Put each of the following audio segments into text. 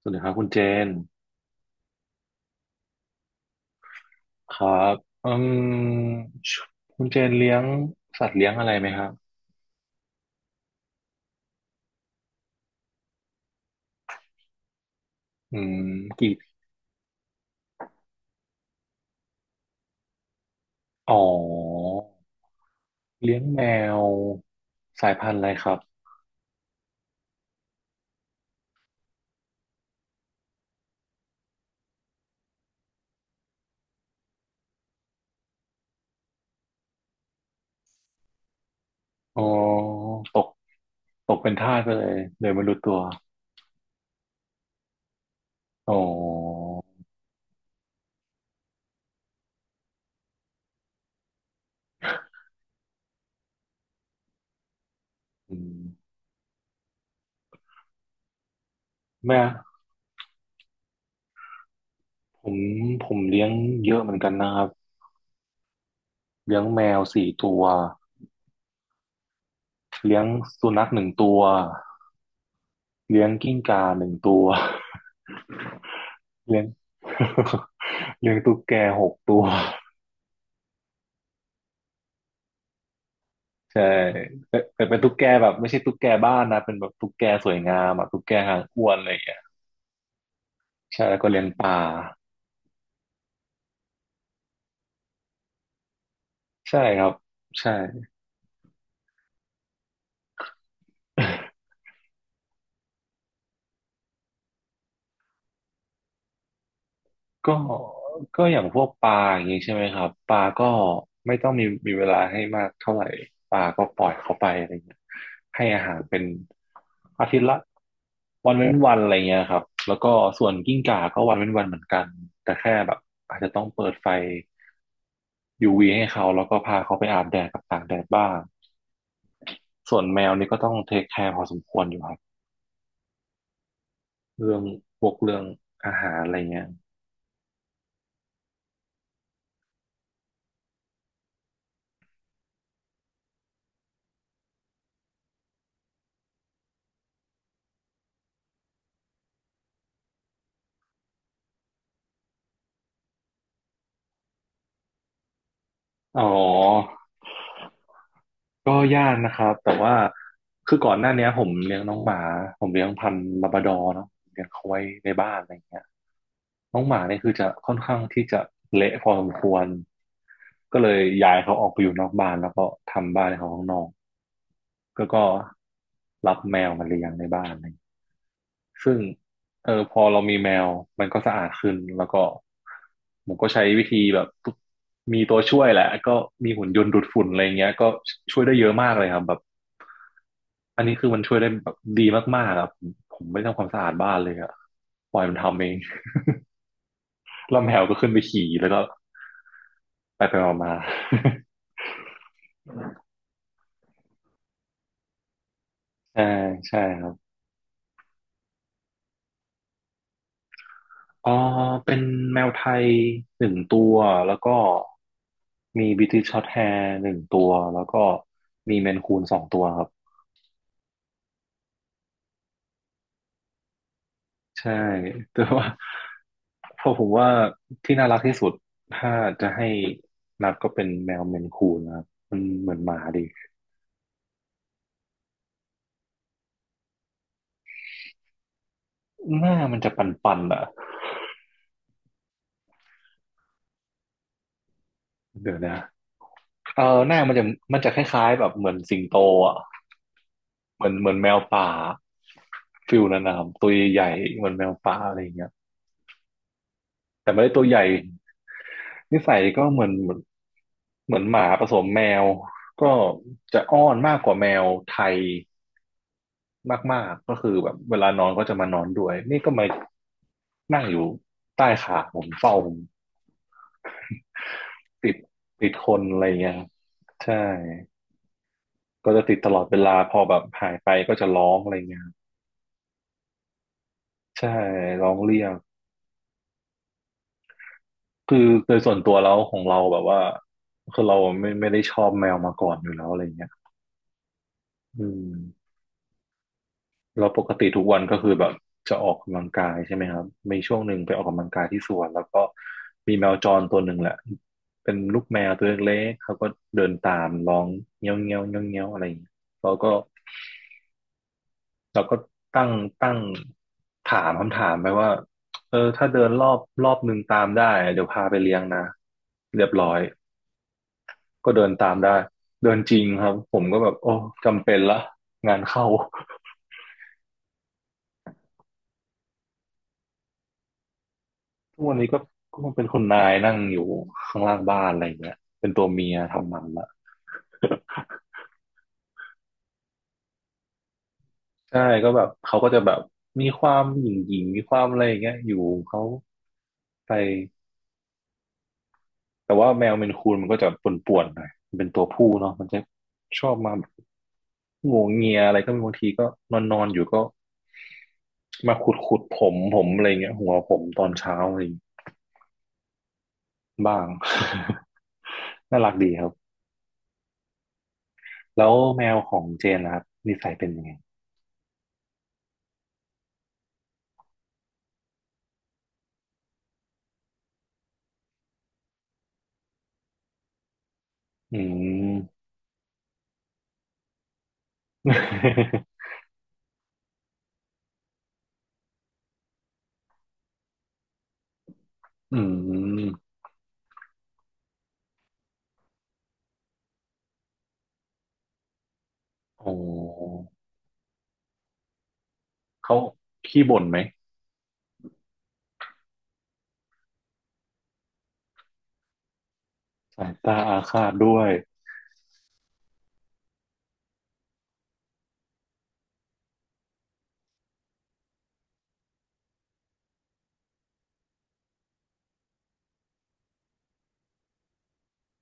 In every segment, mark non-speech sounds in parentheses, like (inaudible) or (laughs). สวัสดีครับคุณเจนครับอืมชคุณเจนเลี้ยงสัตว์เลี้ยงอะไรไหมครับอืมกี่อ๋อเลี้ยงแมวสายพันธุ์อะไรครับอ๋อตกตกเป็นทาสไปเลยโดยไม่รู้ตัวอ๋ออืมแม่ผมผมเลี้ยงเยอะเหมือนกันนะครับเลี้ยงแมวสี่ตัวเลี้ยงสุนัขหนึ่งตัวเลี้ยงกิ้งก่าหนึ่งตัว (laughs) เลี้ยง (laughs) เลี้ยงตุ๊กแกหกตัว ใช่แต่เป็นตุ๊กแกแบบไม่ใช่ตุ๊กแกบ้านนะเป็นแบบตุ๊กแกสวยงามอะตุ๊กแกหางอ้วนอะไรอย่างเงี้ยใช่แล้วก็เลี้ยงปลาใช่ครับใช่ ก็ก็อย่างพวกปลาอย่างนี้ใช่ไหมครับปลาก็ไม่ต้องมีเวลาให้มากเท่าไหร่ปลาก็ปล่อยเขาไปอะไรเงี้ยให้อาหารเป็นอาทิตย์ละวันเว้นวันอะไรเงี้ยครับแล้วก็ส่วนกิ้งก่าก็วันเว้นวันเหมือนกันแต่แค่แบบอาจจะต้องเปิดไฟยูวีให้เขาแล้วก็พาเขาไปอาบแดดกับตากแดดบ้างส่วนแมวนี่ก็ต้องเทคแคร์พอสมควรอยู่ครับเรื่องพวกเรื่องอาหารอะไรเงี้ยอ๋อ ก็ยากนะครับ แต่ว่าคือก่อนหน้าเนี้ยผมเลี้ยงน้องหมาผมเลี้ยงพันธุ์ลาบราดอร์เนาะเลี้ยงเขาไว้ในบ้านอะไรอย่างเงี้ยน้องหมาเนี่ยคือจะค่อนข้างที่จะเละพอสมควรก็เลยย้ายเขาออกไปอยู่นอกบ้านแล้วก็ทำบ้านให้เขาข้างนอกก็ก็รับแมวมาเลี้ยงในบ้าน ซึ่งเออพอเรามีแมวมันก็สะอาดขึ้นแล้วก็ผมก็ใช้วิธีแบบมีตัวช่วยแหละก็มีหุ่นยนต์ดูดฝุ่นอะไรเงี้ยก็ช่วยได้เยอะมากเลยครับแบบอันนี้คือมันช่วยได้แบบดีมากๆครับผมผมไม่ทำความสะอาดบ้านเลยอะปล่อยมันทำเอง (laughs) แล้วแมวก็ขึ้นไปขี่แล้วก็ไปไปมาๆ (laughs) ใช่ใช่ครับ เออเป็นแมวไทยหนึ่งตัว แล้วก็มีบริติชช็อร์ตแฮร์หนึ่งตัว แล้วก็มีเมนคูนสองตัวครับ ใช่ (laughs) แต่ว่าเพราะผมว่าที่น่ารักที่สุดถ้าจะให้นับก็เป็นแมวเมนคูนนะครับมันเหมือนหมาดีหน้ามันจะปันๆอ่ะเดี๋ยวนะเออหน้ามันจะมันจะคล้ายๆแบบเหมือนสิงโตอ่ะเหมือนแมวป่าฟิลนั้นนะครับตัวใหญ่ๆเหมือนแมวป่าอะไรอย่างเงี้ยแต่ไม่ได้ตัวใหญ่ นิสัยก็เหมือนหมาผสมแมวก็จะอ้อนมากกว่าแมวไทยมากๆก็คือแบบเวลานอนก็จะมานอนด้วยนี่ก็มานั่งอยู่ใต้ขาผมเฝ้าผมติดติดคนอะไรเงี้ยครับใช่ก็จะติดตลอดเวลาพอแบบหายไปก็จะร้องอะไรเงี้ยครับใช่ร้องเรียกคือโดยส่วนตัวแล้วของเราแบบว่าคือเราไม่ได้ชอบแมวมาก่อนอยู่แล้วอะไรเงี้ยอืม เราปกติทุกวันก็คือแบบจะออกกำลังกายใช่ไหมครับมีช่วงหนึ่งไปออกกำลังกายที่สวนแล้วก็มีแมวจรตัวหนึ่งแหละเป็นลูกแมวตัวเล็กๆเขาก็เดินตามร้องเงี้ยวเงี้ยวเงี้ยวเงี้ยวอะไรอย่างเงี้ยเราก็เราก็ตั้งตั้งถามคำถามไปว่าเออถ้าเดินรอบหนึ่งตามได้เดี๋ยวพาไปเลี้ยงนะเรียบร้อยก็เดินตามได้เดินจริงครับผมก็แบบโอ้จำเป็นละงานเข้า ทุกวันนี้ก็ก็เป็นคุณนายนั่งอยู่ข้างล่างบ้านอะไรอย่างเงี้ยเป็นตัวเมียทำมันละใช่ก็แบบเขาก็จะแบบมีความหยิ่งหยิ่งมีความอะไรอย่างเงี้ยอยู่ของเขาไปแต่ว่าแมวเมนคูนมันก็จะป่วนๆหน่อยมันเป็นตัวผู้เนาะมันจะชอบมาแบบงัวเงียอะไรก็มีบางทีก็นอนนอนอยู่ก็มาขุดผมอะไรเงี้ยหัวผมตอนเช้าอะไรางบ้าง (laughs) น่ารักดีครับแล้วแมวของเจนนะครับนิสัยเป็นยังไงอืม (laughs) อืมโอ้เขาขี้บ่นไหมสายตาอาฆาตด้วย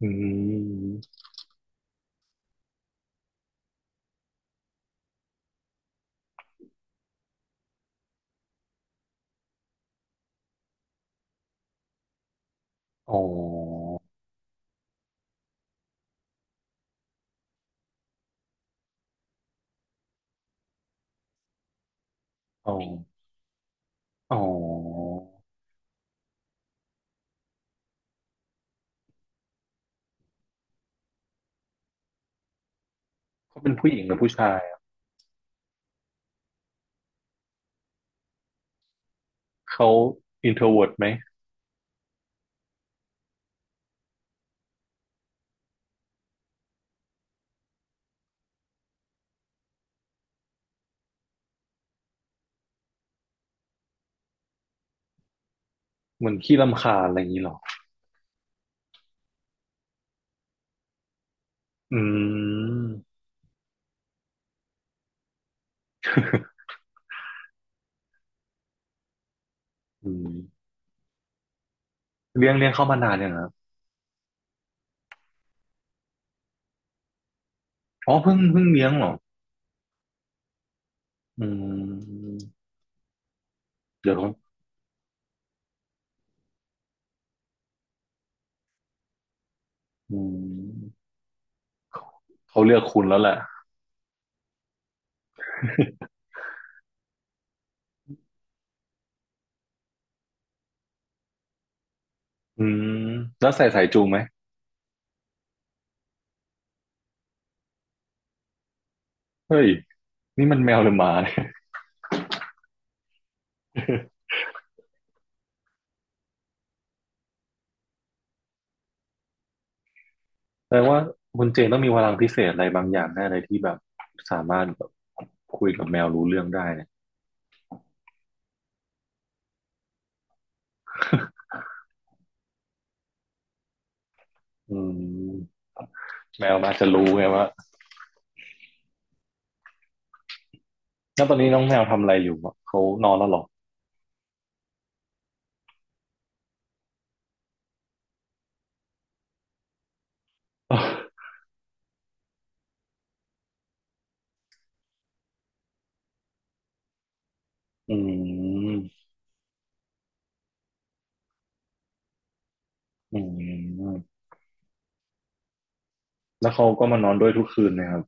อืมอ๋อ อ๋อ อ๋อ เขาเป็นผู้หญิงหรือผู้ชายอะเขาอินโทรเวิร์ไหมเหมือนขี้รำคาญอะไรอย่างนี้หรออืมอืมเลี้ยงเข้ามานานยังครับอ๋อ เพิ่งเลี้ยงเหรออืมเดี๋ยวเขาอืมเขาเลือกคุณแล้วแหละ (laughs) อืมแล้วใส่สายจูงไหม เฮ้ย นี่มันแมวหรือหมาเนี่ย แปลว่าคุณเจนต้องมีพลังพิเศษอะไรบางอย่างแน่เลยที่แบบสามารถแบบคุยกับแมวรู้เรื่องได้เนี่ยอืมแมวมันอาจจะรู้ไงว่าแล้วตอนนี้น้องแมวทำอะไรอยู่อะเขานอนแล้วเหรอ (laughs) อืมอืมแล้วเขาก็มานอนด้วยทุกคืนนะครับ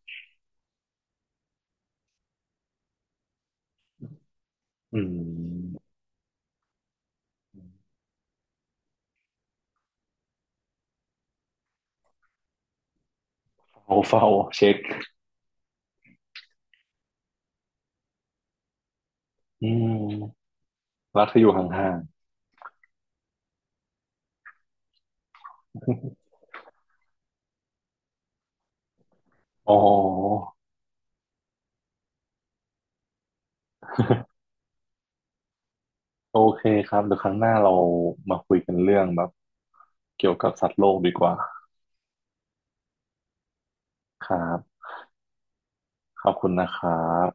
อืมเฝ้าเฝ้าเช็คอืมรักที่อยู่ห่างๆ (laughs) อ๋อโอเคครับเดี๋ยวครั้งหน้าเรามาคุยกันเรื่องแบบเกี่ยวกับสัตว์โลกดีกว่าครับ ขอบคุณนะครับ